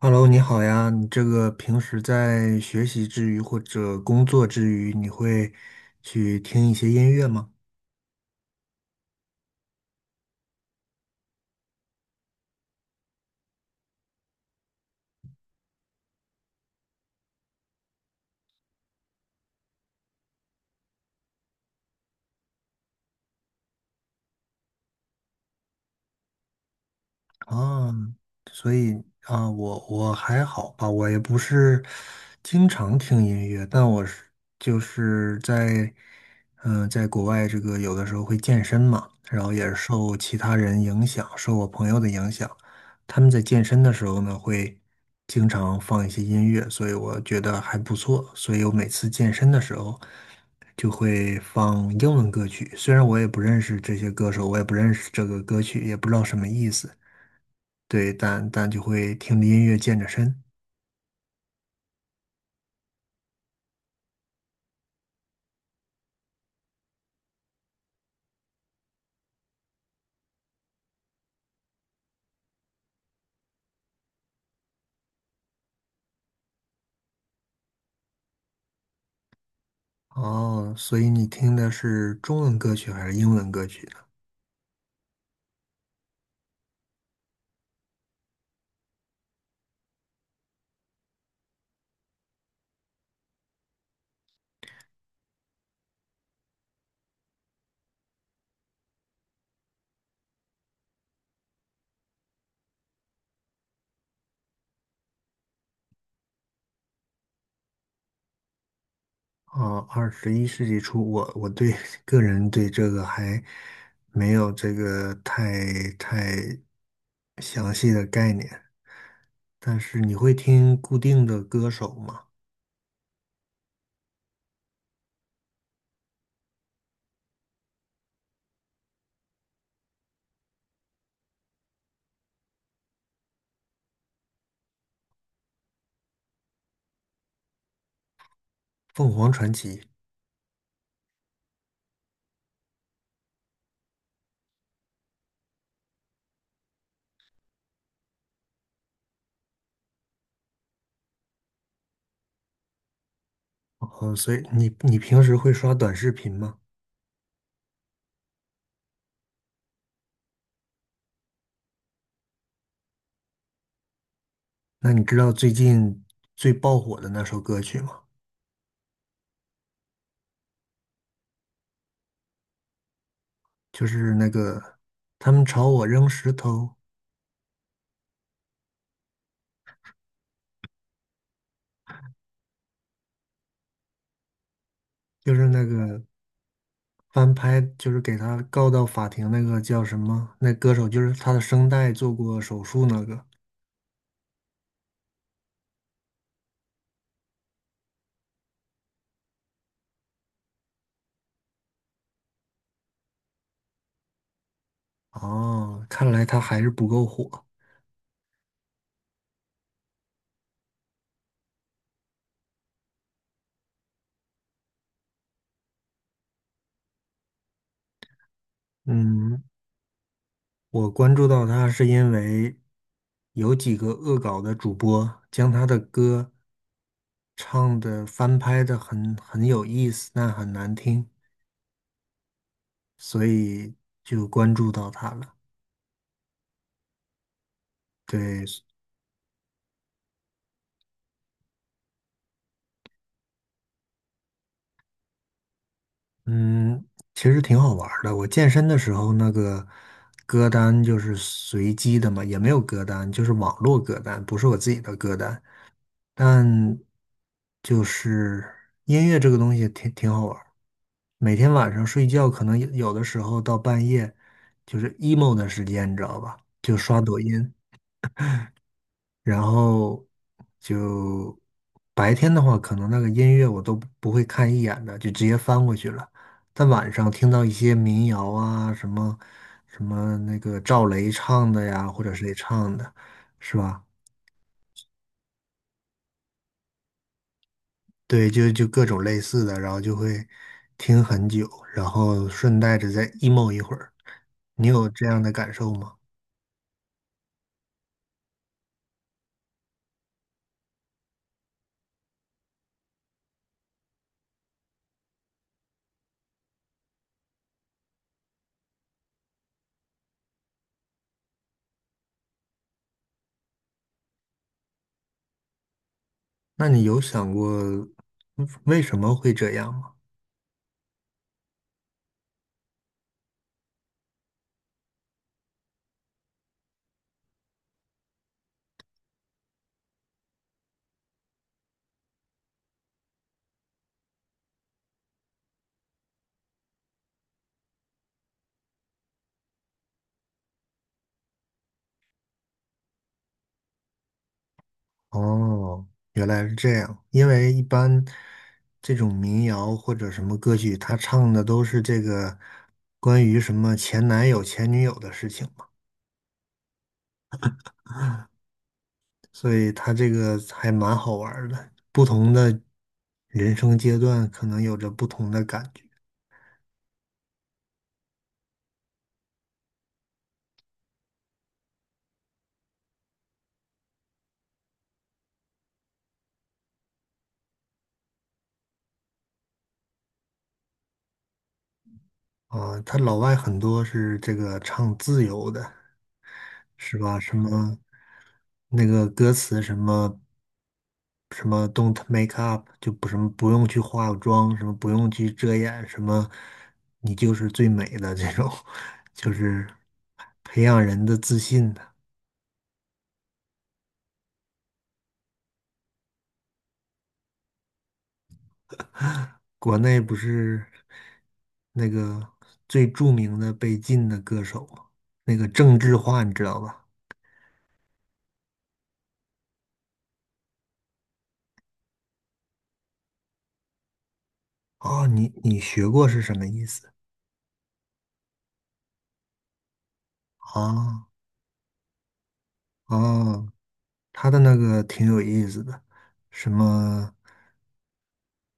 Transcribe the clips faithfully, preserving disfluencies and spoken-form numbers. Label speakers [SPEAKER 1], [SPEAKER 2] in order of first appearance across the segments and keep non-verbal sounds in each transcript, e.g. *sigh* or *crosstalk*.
[SPEAKER 1] Hello，你好呀。你这个平时在学习之余或者工作之余，你会去听一些音乐吗？啊，所以啊，我我还好吧，我也不是经常听音乐，但我是就是在嗯、呃在国外这个有的时候会健身嘛，然后也是受其他人影响，受我朋友的影响，他们在健身的时候呢会经常放一些音乐，所以我觉得还不错，所以我每次健身的时候就会放英文歌曲，虽然我也不认识这些歌手，我也不认识这个歌曲，也不知道什么意思。对，但但就会听着音乐健着身。哦，所以你听的是中文歌曲还是英文歌曲呢？哦，二十一世纪初，我我对 *laughs* 个人对这个还没有这个太太详细的概念。但是你会听固定的歌手吗？凤凰传奇。哦，所以你你平时会刷短视频吗？那你知道最近最爆火的那首歌曲吗？就是那个他们朝我扔石头，就是那个翻拍，就是给他告到法庭那个叫什么？那歌手就是他的声带做过手术那个。哦，看来他还是不够火。嗯，我关注到他是因为有几个恶搞的主播将他的歌唱的翻拍的很很有意思，但很难听，所以就关注到他了。对，嗯，其实挺好玩儿的。我健身的时候，那个歌单就是随机的嘛，也没有歌单，就是网络歌单，不是我自己的歌单。但就是音乐这个东西挺挺好玩儿。每天晚上睡觉，可能有有的时候到半夜，就是 emo 的时间，你知道吧？就刷抖音，然后就白天的话，可能那个音乐我都不不会看一眼的，就直接翻过去了。但晚上听到一些民谣啊，什么什么那个赵雷唱的呀，或者谁唱的，是吧？对，就就各种类似的，然后就会听很久，然后顺带着再 emo 一会儿。你有这样的感受吗？那你有想过为什么会这样吗？哦，原来是这样。因为一般这种民谣或者什么歌曲，他唱的都是这个关于什么前男友、前女友的事情嘛，所以他这个还蛮好玩儿的。不同的人生阶段，可能有着不同的感觉啊。他老外很多是这个唱自由的。是吧？什么那个歌词什么什么 "Don't make up"，就不什么不用去化妆，什么不用去遮掩，什么你就是最美的这种，*laughs* 就是培养人的自信的。国内不是那个最著名的被禁的歌手吗？那个郑智化，你知道吧？啊，你你学过是什么意思？啊啊，他的那个挺有意思的，什么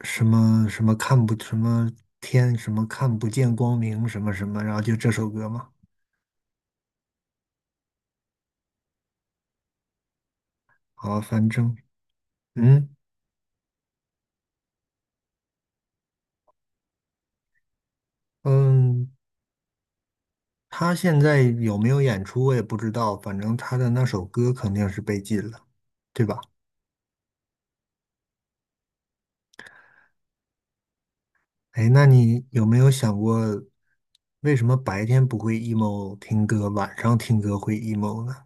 [SPEAKER 1] 什么什么看不什么天什么看不见光明什么什么，然后就这首歌嘛。好，反正嗯嗯，他现在有没有演出我也不知道，反正他的那首歌肯定是被禁了，对吧？哎，那你有没有想过，为什么白天不会 emo 听歌，晚上听歌会 emo 呢？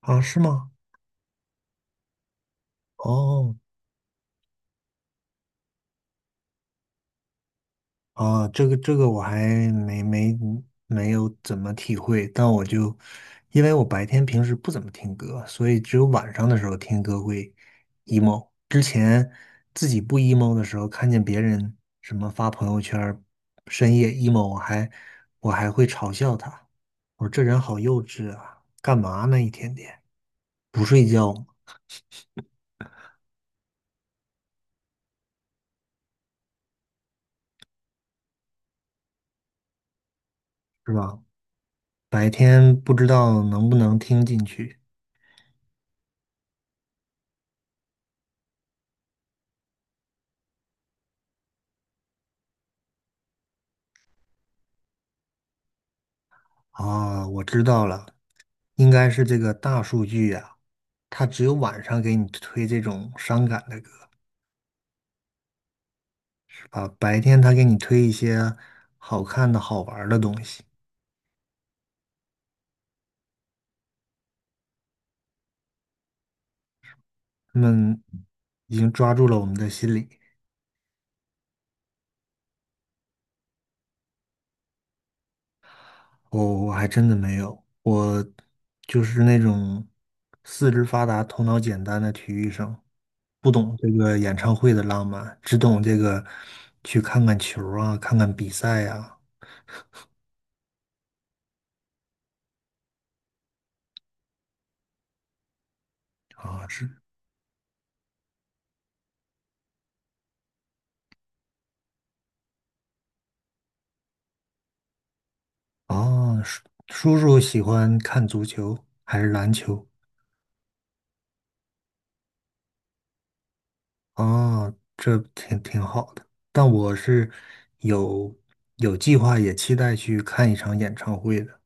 [SPEAKER 1] 啊，是吗？哦。哦，这个这个我还没没没有怎么体会，但我就因为我白天平时不怎么听歌，所以只有晚上的时候听歌会 emo。之前自己不 emo 的时候，看见别人什么发朋友圈儿深夜 emo，我还我还会嘲笑他，我说这人好幼稚啊，干嘛呢一天天不睡觉是吧？白天不知道能不能听进去。啊，我知道了，应该是这个大数据呀、它只有晚上给你推这种伤感的歌，是吧？白天它给你推一些好看的好玩儿的东西，他们已经抓住了我们的心理。我、我还真的没有，我就是那种四肢发达、头脑简单的体育生，不懂这个演唱会的浪漫，只懂这个去看看球儿啊，看看比赛呀、啊，啊是哦，叔叔叔喜欢看足球还是篮球？哦，这挺挺好的。但我是有有计划，也期待去看一场演唱会的。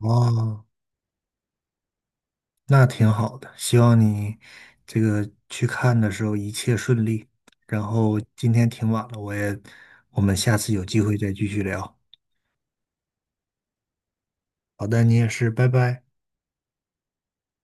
[SPEAKER 1] 哦，那挺好的。希望你这个去看的时候一切顺利。然后今天挺晚了，我也，我们下次有机会再继续聊。好的，你也是，拜拜。